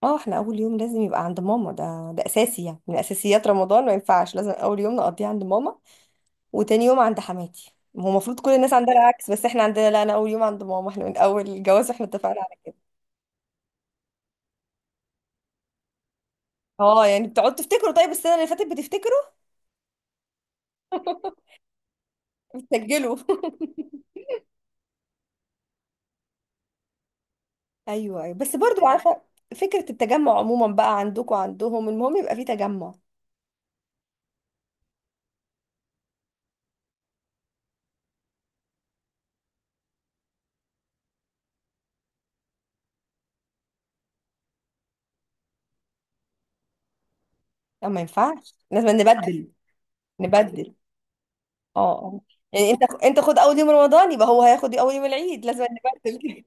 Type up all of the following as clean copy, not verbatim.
اه، احنا اول يوم لازم يبقى عند ماما. ده اساسي يعني، من اساسيات رمضان، ما ينفعش. لازم اول يوم نقضيه عند ماما وتاني يوم عند حماتي. هو المفروض كل الناس عندها العكس، بس احنا عندنا لا. انا اول يوم عند ماما، احنا من اول الجواز احنا اتفقنا على كده. اه يعني بتقعدوا تفتكروا؟ طيب السنه اللي فاتت بتفتكروا؟ بتسجلوا؟ ايوه ايوه، بس برضو عارفه. فكره التجمع عموما بقى، عندكم وعندهم المهم يبقى في تجمع. لا ما ينفعش، لازم نبدل. نبدل اه اه. يعني انت خد اول يوم رمضان، يبقى هو هياخد اول يوم العيد لازم. نبدل.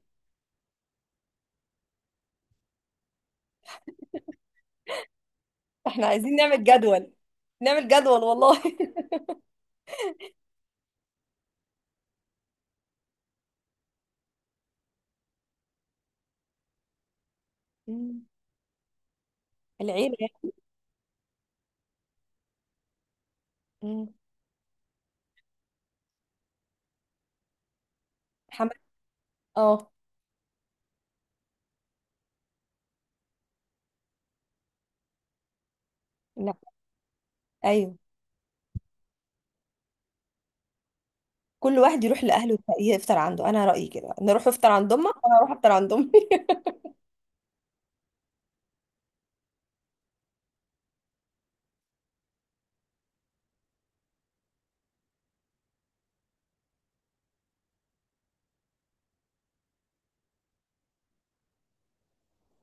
احنا عايزين نعمل جدول. نعمل جدول والله. مم. العيلة يعني. مم. حمد. اه. لا. ايوه. كل واحد يروح لاهله يفطر عنده، انا رايي كده، نروح افطر عند امك وانا اروح افطر عند امي.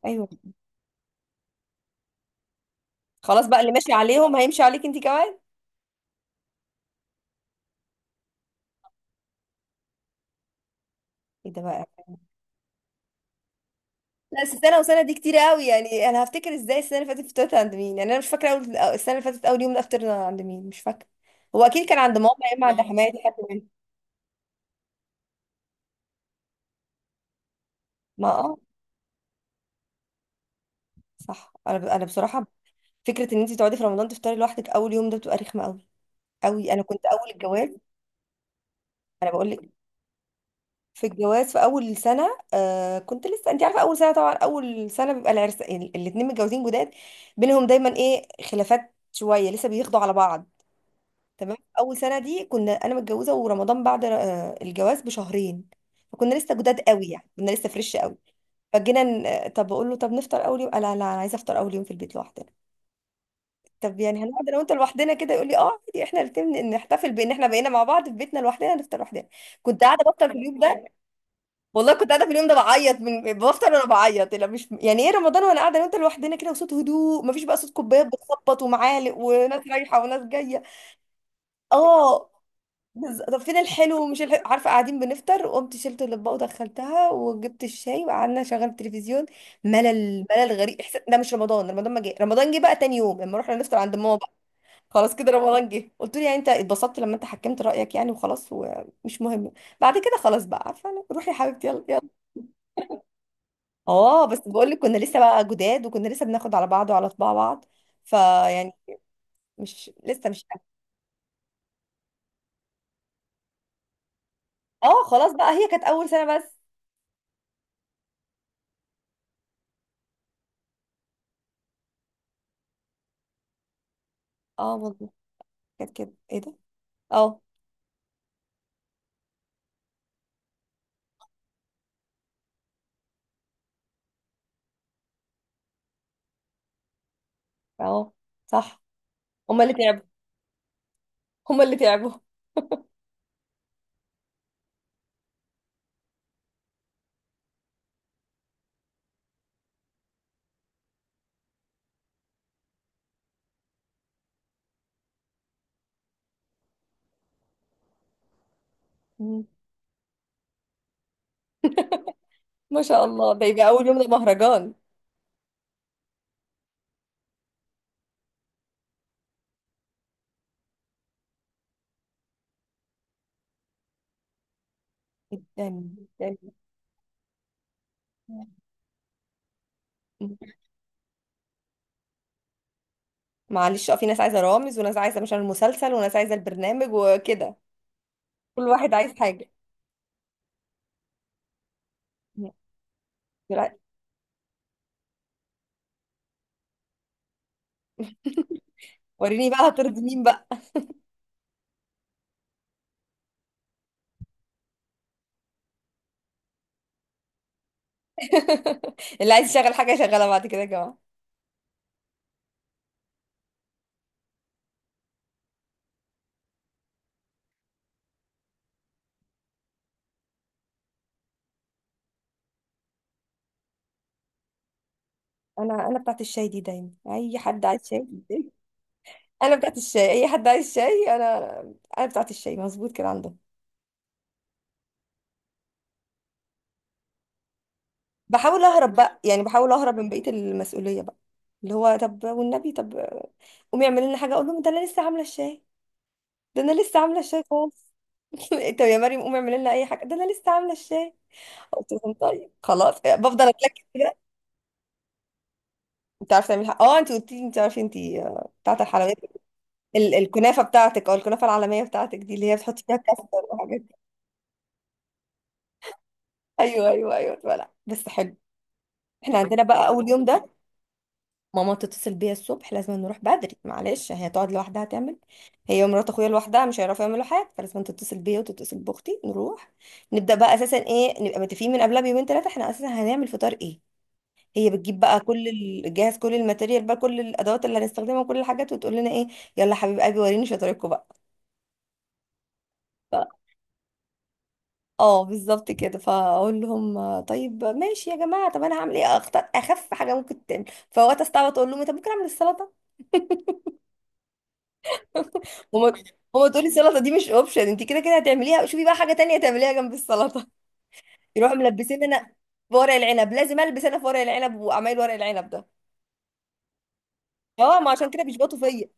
ايوه. خلاص بقى، اللي ماشي عليهم هيمشي عليك انت كمان. ايه ده بقى؟ لا بس سنه وسنه دي كتير قوي، يعني انا هفتكر ازاي السنه اللي فاتت فطرت عند مين؟ يعني انا مش فاكره، اول السنه اللي فاتت اول يوم ده فطرنا عند مين مش فاكره. هو اكيد كان عند ماما، يا اما عند اه حماتي، حد منهم. ما اه، صح. انا بصراحه، فكره ان انت تقعدي في رمضان تفطري لوحدك اول يوم ده بتبقى رخمه قوي قوي. انا كنت اول الجواز، انا بقول لك، في الجواز في اول سنه كنت لسه، انت عارفه اول سنه طبعا، اول سنه بيبقى العرس، يعني الاثنين متجوزين جداد، بينهم دايما ايه خلافات شويه لسه بياخدوا على بعض. تمام. اول سنه دي كنا، انا متجوزه ورمضان بعد الجواز بشهرين، فكنا لسه جداد قوي، يعني كنا لسه فريش قوي. فجينا طب بقول له طب نفطر اول يوم، قال لا لا، انا عايزه افطر اول يوم في البيت لوحدي. طب يعني هنقعد انا وانت لوحدنا كده؟ يقول لي اه عادي، احنا الاثنين نحتفل بان احنا بقينا مع بعض في بيتنا لوحدنا نفطر لوحدنا. كنت قاعده بفطر في اليوم ده، والله كنت قاعده في اليوم ده بعيط، من بفطر وانا بعيط. لا مش يعني ايه، رمضان وانا قاعده انا وانت لوحدنا كده، وصوت هدوء، مفيش بقى صوت كوبايات بتخبط ومعالق وناس رايحه وناس جايه. اه. طب فين الحلو ومش الحلو؟ عارفه، قاعدين بنفطر، وقمت شلت الاطباق ودخلتها وجبت الشاي وقعدنا شغلت التلفزيون. ملل ملل، غريب احساس ده، مش رمضان. رمضان ما جه، رمضان جه بقى تاني يوم لما رحنا نفطر عند ماما. خلاص كده رمضان جه. قلت له يعني انت اتبسطت لما انت حكمت رأيك يعني؟ وخلاص ومش مهم. بعد كده خلاص بقى، عارفه انا، روحي يا حبيبتي يلا يلا. اه بس بقول لك كنا لسه بقى جداد، وكنا لسه بناخد على بعض وعلى طباع بعض. فيعني، مش لسه مش. اه خلاص بقى، هي كانت اول سنة بس. اه والله. كانت كده، ايه ده. اه اه. صح، هما اللي تعبوا، هما اللي تعبوا. مم. ما شاء الله، ده يبقى اول يوم ده مهرجان. جدا، جدا. معلش، اه في ناس عايزه رامز، وناس عايزه مش عارف المسلسل، وناس عايزه البرنامج، وكده. كل واحد عايز حاجه. لا، وريني بقى هترضي مين بقى. اللي عايز يشغل حاجه يشغلها بعد كده يا جماعه. انا، انا بتاعت الشاي دي دايما، اي حد عايز شاي انا بتاعت الشاي، اي حد عايز شاي انا. انا بتاعت الشاي، مظبوط كده عندهم. بحاول اهرب بقى، يعني بحاول اهرب من بقيه المسؤوليه بقى، اللي هو طب والنبي، طب قومي اعملي لنا حاجه. اقول لهم ده انا لسه عامله الشاي، ده انا لسه عامله الشاي خالص. طب يا مريم قومي اعملي لنا اي حاجه، ده انا لسه عامله الشاي. قلت لهم طيب خلاص، بفضل اتلكك كده. انت عارفه تعملي حاجه، اه انت قلت لي انت عارفه انت، بتاعه الحلويات. الكنافه بتاعتك، او الكنافه العالميه بتاعتك دي، اللي هي بتحطي فيها كاستر وحاجات دي. ايوه ايوه ايوه، لا لا، بس حلو. احنا عندنا بقى اول يوم ده، ماما تتصل بيا الصبح لازم نروح بدري، معلش هي تقعد لوحدها تعمل، هي ومرات اخويا لوحدها مش هيعرفوا يعملوا حاجه، فلازم تتصل بيا وتتصل باختي نروح. نبدا بقى اساسا ايه، نبقى متفقين من قبلها بيومين ثلاثه احنا اساسا هنعمل فطار ايه. هي بتجيب بقى كل جاهز، كل الماتيريال بقى، كل الادوات اللي هنستخدمها، وكل الحاجات، وتقول لنا ايه، يلا حبيب قلبي وريني شطارتكم بقى. اه بالظبط كده، فاقول لهم طيب ماشي يا جماعه، طب انا هعمل ايه، اختار اخف حاجه ممكن تعمل. فوقت استعبط اقول لهم إيه، طب ممكن اعمل السلطه. هما هما تقولي السلطه دي مش اوبشن، انت كده كده هتعمليها، شوفي بقى حاجه تانية تعمليها جنب السلطه. يروحوا ملبسين انا في ورق العنب، لازم البس انا في ورق العنب وعمايل ورق العنب ده. اه ما عشان كده بيشبطوا فيا.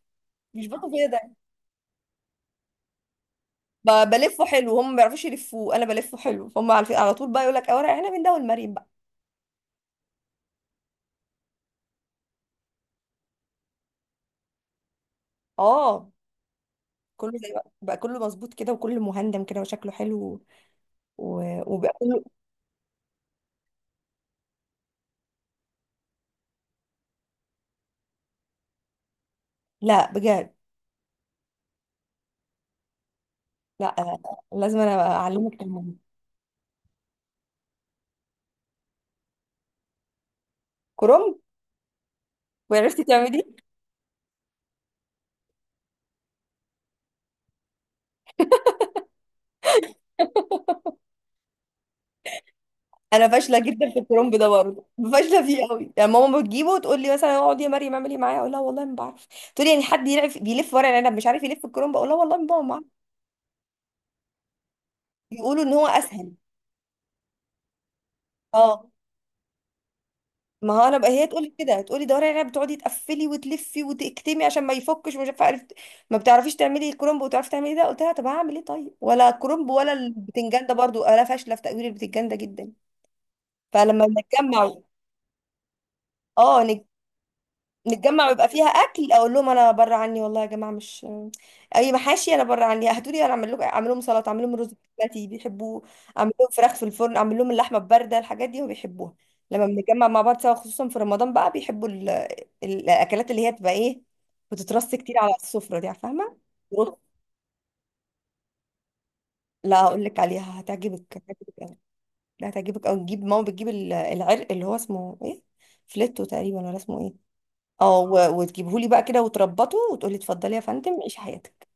بيشبطوا فيا ده، بلفه حلو، هم ما بيعرفوش يلفوه، انا بلفه حلو، فهم عارفين على طول بقى، يقول لك اه ورق العنب من ده والمريم بقى. اه كله زي بقى، كله مظبوط كده وكله مهندم كده وشكله حلو. و... وبقى كله. لا بجد. لا لازم انا اعلمك المهم. كرنب. وعرفتي تعمليه؟ انا فاشله جدا في الكرنب ده برضه، فاشله فيه قوي، يعني ماما بتجيبه وتقول لي مثلا اقعد يا مريم اعملي معايا، اقول لها والله ما بعرف. تقول لي يعني حد يعرف بيلف ورق العنب مش عارف يلف الكرنب؟ اقول لها والله ما بعرف، ما أعرف. يقولوا ان هو اسهل. اه ما هو انا بقى، هي تقول لي كده، تقول لي ده ورق العنب بتقعدي تقفلي وتلفي وتكتمي عشان ما يفكش ومش عارفه، عرفت، ما بتعرفيش تعملي الكرنب وتعرفي تعملي ده. قلت لها طب هعمل ايه؟ طيب، ولا الكرنب ولا البتنجان ده برضه انا فاشله في تقوير البتنجان ده جدا. فلما نتجمع، اه نتجمع ويبقى فيها اكل، اقول لهم انا بره عني والله يا جماعه، مش اي محاشي، انا بره عني، هاتوا لي انا اعمل لكم، اعمل لهم سلطه، اعمل لهم رز بسمتي بيحبوه، اعمل لهم فراخ في الفرن، اعمل لهم اللحمه البارده، الحاجات دي وبيحبوها. لما بنتجمع مع بعض سوا خصوصا في رمضان بقى، بيحبوا ال... الاكلات اللي هي بتبقى ايه، بتترص كتير على السفره دي، فاهمه. رز، لا هقول لك عليها هتعجبك، هتعجبك قوي. لا هتعجبك قوي. نجيب ماما بتجيب العرق اللي هو اسمه ايه، فليتو تقريبا، ولا اسمه ايه. اه، وتجيبهولي بقى كده وتربطه وتقولي اتفضلي يا فندم عيشي حياتك.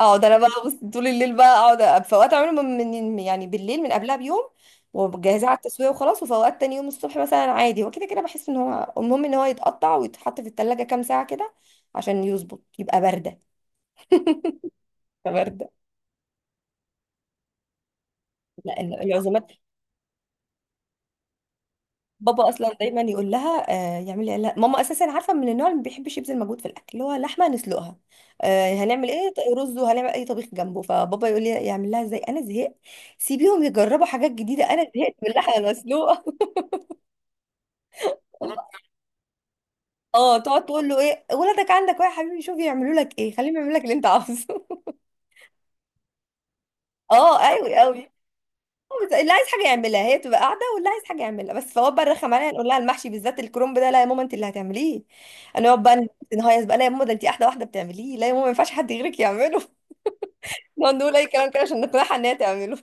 اه ده انا بقى بص، طول الليل بقى اقعد، في اوقات اعمله يعني بالليل من قبلها بيوم، وجاهزاه على التسويه وخلاص. وفي اوقات تاني يوم الصبح مثلا عادي، هو كده كده بحس ان هو المهم ان هو يتقطع ويتحط في التلاجة كام ساعه كده عشان يظبط يبقى بارده. يبقى بارده. لا العزومات، بابا اصلا دايما يقول لها، آه يعملي، لا ماما اساسا عارفه من النوع اللي ما بيحبش يبذل مجهود في الاكل، اللي هو لحمه نسلقها، هنعمل ايه، رز، وهنعمل اي طبيخ جنبه، فبابا يقول لي يعمل لها ازاي، انا زهقت، سيبيهم يجربوا حاجات جديده، انا زهقت من اللحمه المسلوقه. اه تقعد تقول له ايه ولادك، عندك ايه يا حبيبي، شوف يعملوا لك ايه، خليهم يعملوا لك اللي انت عاوزه. اه ايوه قوي. بس اللي عايز حاجه يعملها هي بتبقى قاعده، واللي عايز حاجه يعملها بس، فهو بقى الرخم عليها، نقول لها المحشي بالذات الكرنب ده لا يا ماما انت اللي هتعمليه. هنقعد بقى نهيص بقى، لا يا ماما ده انت احلى واحده بتعمليه، لا يا ماما ما ينفعش حد غيرك يعمله. نقعد نقول اي كلام كده عشان نقنعها ان هي تعمله.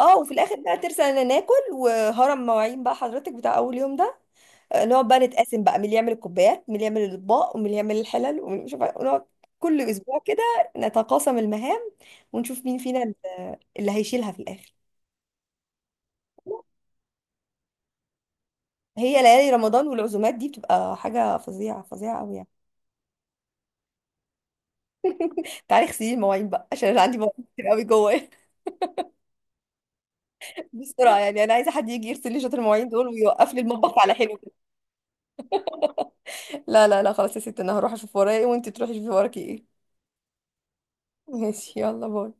اه، وفي الاخر بقى ترسل، انا ناكل وهرم مواعين بقى حضرتك، بتاع اول يوم ده. نقعد بقى نتقاسم بقى مين اللي يعمل الكوبايات، مين اللي يعمل الاطباق، ومين اللي يعمل الحلل، ومين مش عارفة- ونقعد كل اسبوع كده نتقاسم المهام، ونشوف مين فينا اللي هيشيلها في الاخر. هي ليالي رمضان والعزومات دي بتبقى حاجة فظيعة فظيعة قوي يعني. تعالي اغسلي المواعين بقى عشان انا عندي مواعين كتير قوي جوايا. بسرعة يعني، انا عايزة حد يجي يغسل لي شوية المواعين دول ويوقف لي المطبخ على حلو كده. لا لا لا، خلاص يا ستي، انا هروح اشوف ورايا ايه وانتي تروحي تشوفي وراكي ايه. ماشي يلا، باي